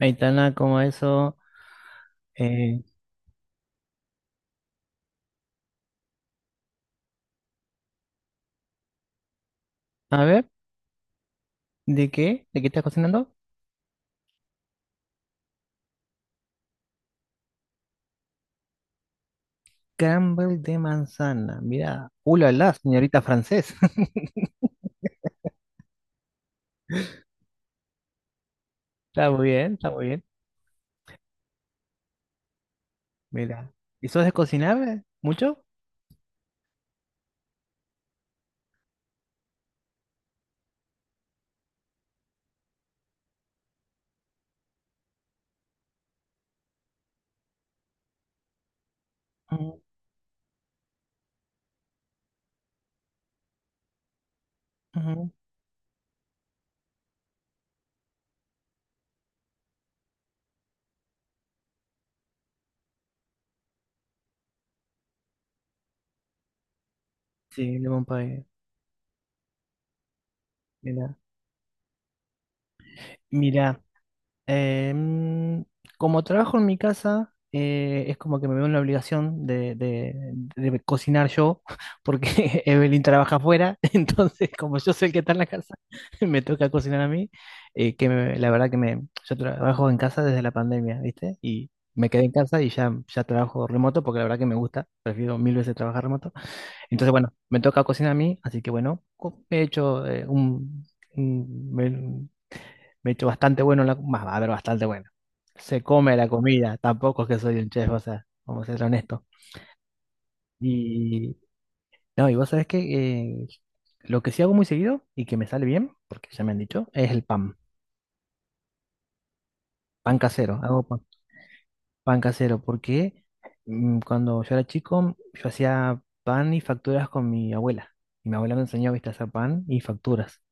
Aitana, como eso. eh, a ver, ¿de qué? ¿De qué estás cocinando? Campbell de manzana. Mira, ulala, señorita francés. Está muy bien, está muy bien. Mira, ¿y sos de cocinar mucho? Ujú, ujú. Sí, lemon pie. Mira, mira, Em, como trabajo en mi casa, es como que me veo en la obligación de cocinar yo, porque Evelyn trabaja afuera, entonces como yo soy el que está en la casa, me toca cocinar a mí, la verdad yo trabajo en casa desde la pandemia, ¿viste? Y me quedé en casa y ya trabajo remoto, porque la verdad que me gusta, prefiero mil veces trabajar remoto. Entonces, bueno, me toca cocinar a mí, así que bueno, he hecho un- me he hecho bastante bueno, en la, más, a ver, bastante bueno. Se come la comida, tampoco es que soy un chef, o sea, vamos a ser honestos. Y no, y vos sabés que eh, lo que sí hago muy seguido y que me sale bien, porque ya me han dicho, es el pan, pan casero. Hago pan, pan casero porque cuando yo era chico yo hacía pan y facturas con mi abuela. Y mi abuela me enseñó, viste, a hacer pan y facturas.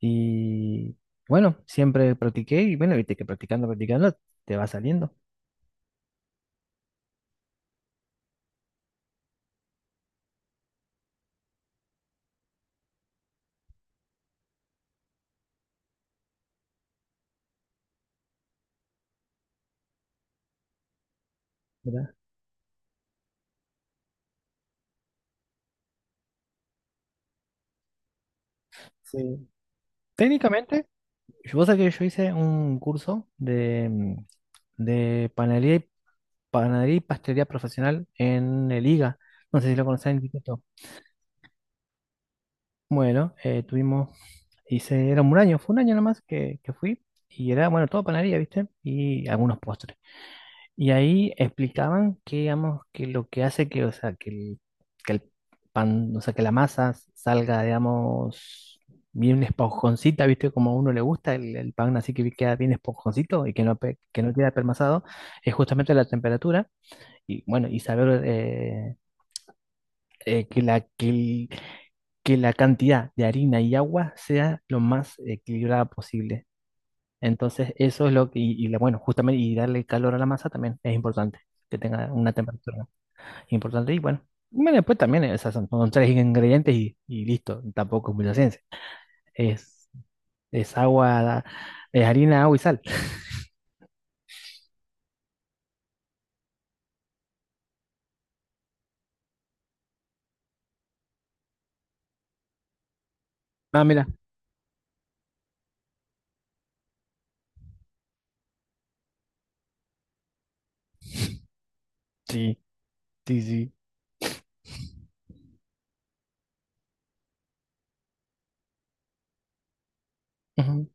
Y bueno, siempre practiqué y bueno, viste que practicando, practicando te va saliendo, ¿verdad? Sí. Técnicamente, vos sabés que yo hice un curso de panadería panadería y pastelería profesional en el IGA. No sé si lo conocés en instituto. Bueno, hice, era un año, fue un año nomás que fui. Y era, bueno, todo panadería, ¿viste? Y algunos postres. Y ahí explicaban que, digamos, que lo que hace que, o sea, que el pan, o sea, que la masa salga, digamos, bien esponjoncita, ¿viste? Como a uno le gusta el pan, así que queda bien esponjoncito y que no, que no queda permasado, es justamente la temperatura y, bueno, y saber eh, que la, que, el- que la cantidad de harina y agua sea lo más equilibrada posible. Entonces, eso es lo que, bueno, justamente, y darle calor a la masa también es importante, que tenga una temperatura importante. Y bueno, bueno, después también esas son tres ingredientes y listo. Tampoco es mucha ciencia. Es, es agua, es harina, agua y sal. Ah, mira. Sí, sí, sí. Ujú.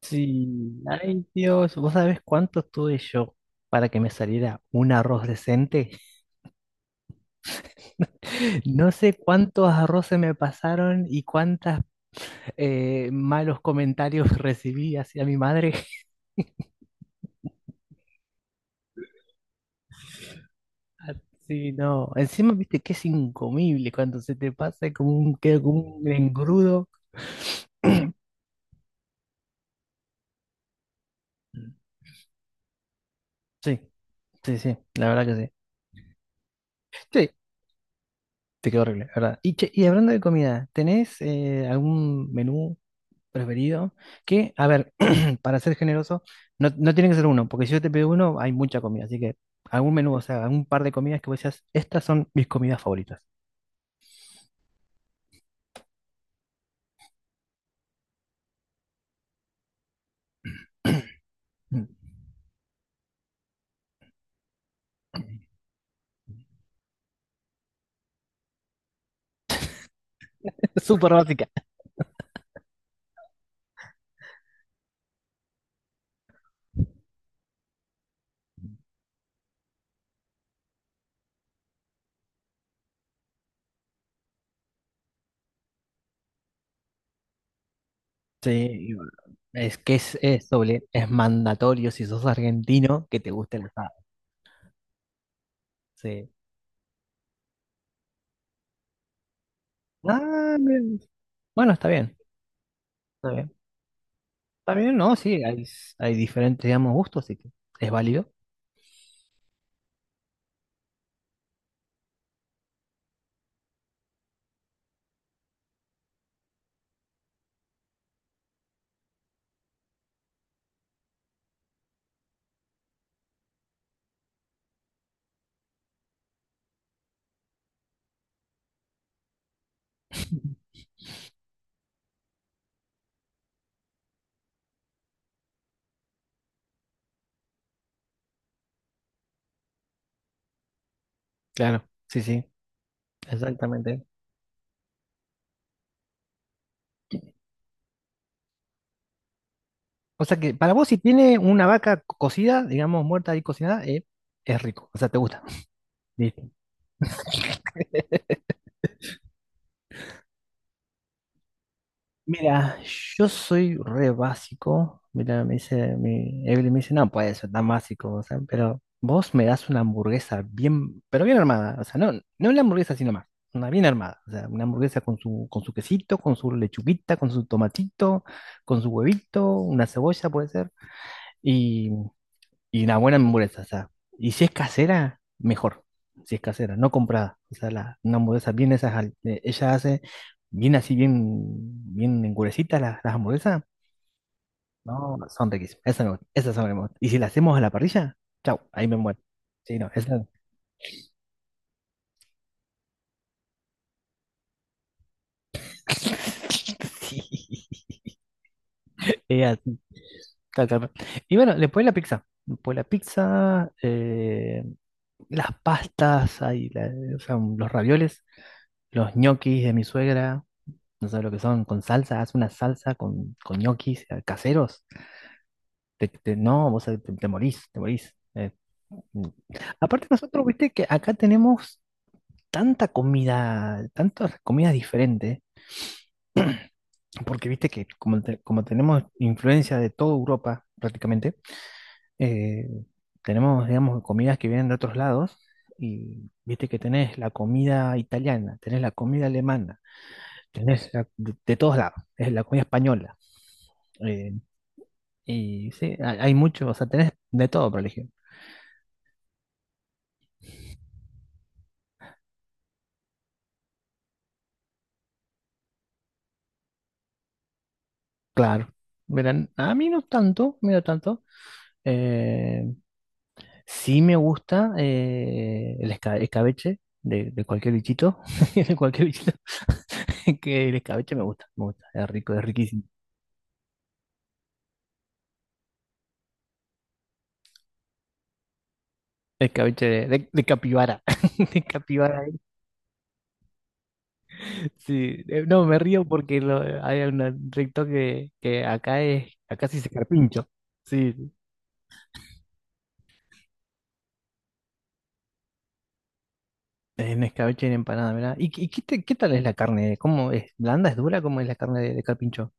Sí. Ay, Dios, ¿vos sabés cuánto tuve yo para que me saliera un arroz decente? No sé cuántos arroces me pasaron y cuántas malos comentarios recibí hacia mi madre. Ah, sí, no. Encima, viste que es incomible cuando se te pasa, es queda como un engrudo. Sí, sí, sí, la verdad que sí. Sí, te quedó horrible, la verdad. Y, che, y hablando de comida, ¿tenés algún menú preferido? Que, a ver, para ser generoso, no, tiene que ser uno, porque si yo te pido uno, hay mucha comida. Así que algún menú, o sea, algún par de comidas que vos decías, estas son mis comidas favoritas. Súper básica. Sí, y bueno, es que es doble, es mandatorio si sos argentino que te guste el asado. Sí. Ah, bien. Bueno, está bien, está bien. Está bien, ¿no? Sí, hay diferentes, digamos, gustos, así que es válido. Claro, sí, sí, exactamente. O sea que para vos, si tiene una vaca cocida, digamos, muerta y cocinada, es rico. O sea, te gusta. Listo. Mira, yo soy re básico. Mira, me dice, mi Evelyn me dice, no puede ser tan básico, o sea, pero vos me das una hamburguesa bien, pero bien armada, o sea, no, no una hamburguesa sino más, una bien armada, o sea, una hamburguesa con su quesito, con su lechuguita, con su tomatito, con su huevito, una cebolla puede ser, y una buena hamburguesa, o sea. Y si es casera, mejor. Si es casera, no comprada. O sea, una hamburguesa bien esas, ella hace bien así, bien, bien engurecitas las hamburguesas. No, son riquísimas. Esas me gustan, esas son las que me gustan. Y si las hacemos a la parrilla, chau, ahí me muero. Sí, no, esa. Sí, es así, tal, tal, tal. Y bueno, después la pizza. Después la pizza, las pastas, o sea, los ravioles, los ñoquis de mi suegra. No sabes lo que son, con salsa, haz una salsa con ñoquis caseros. No, vos te morís, te morís. Mm. Aparte nosotros, viste que acá tenemos tanta comida, tantas comidas diferentes, porque viste que como tenemos influencia de toda Europa prácticamente, eh, tenemos, digamos, comidas que vienen de otros lados. Y viste que tenés la comida italiana, tenés la comida alemana, tenés de todos lados, es la comida española. eh, Y sí, hay mucho, o sea, tenés de todo para elegir. Claro. Verán, a mí no tanto, mí no tanto. Eh, sí me gusta escabeche de cualquier bichito, de cualquier bichito, que el escabeche me gusta, es rico, es riquísimo. Escabeche de capibara, de capibara. Sí, no, me río porque hay un recto que acá es, acá sí se carpincho. Sí, en escabeche y en empanada, mira. Qué tal es la carne? ¿Cómo es? ¿Blanda? ¿Es dura? ¿Cómo es la carne de carpincho?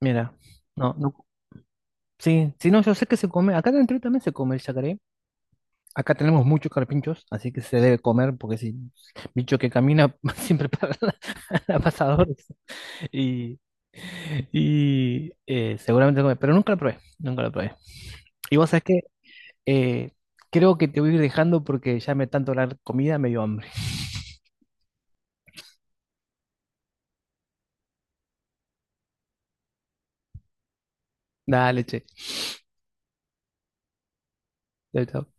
Mira, no, no, sí, sí, no, yo sé que se come. Acá dentro también se come el yacaré. Acá tenemos muchos carpinchos, así que se debe comer, porque si bicho que camina siempre para la, la pasadores. Y, Seguramente come, pero nunca lo probé, nunca lo probé. Y vos sabés que eh, creo que te voy a ir dejando porque ya me tanto hablar comida, me dio hambre. Dale, che. Chau, chau.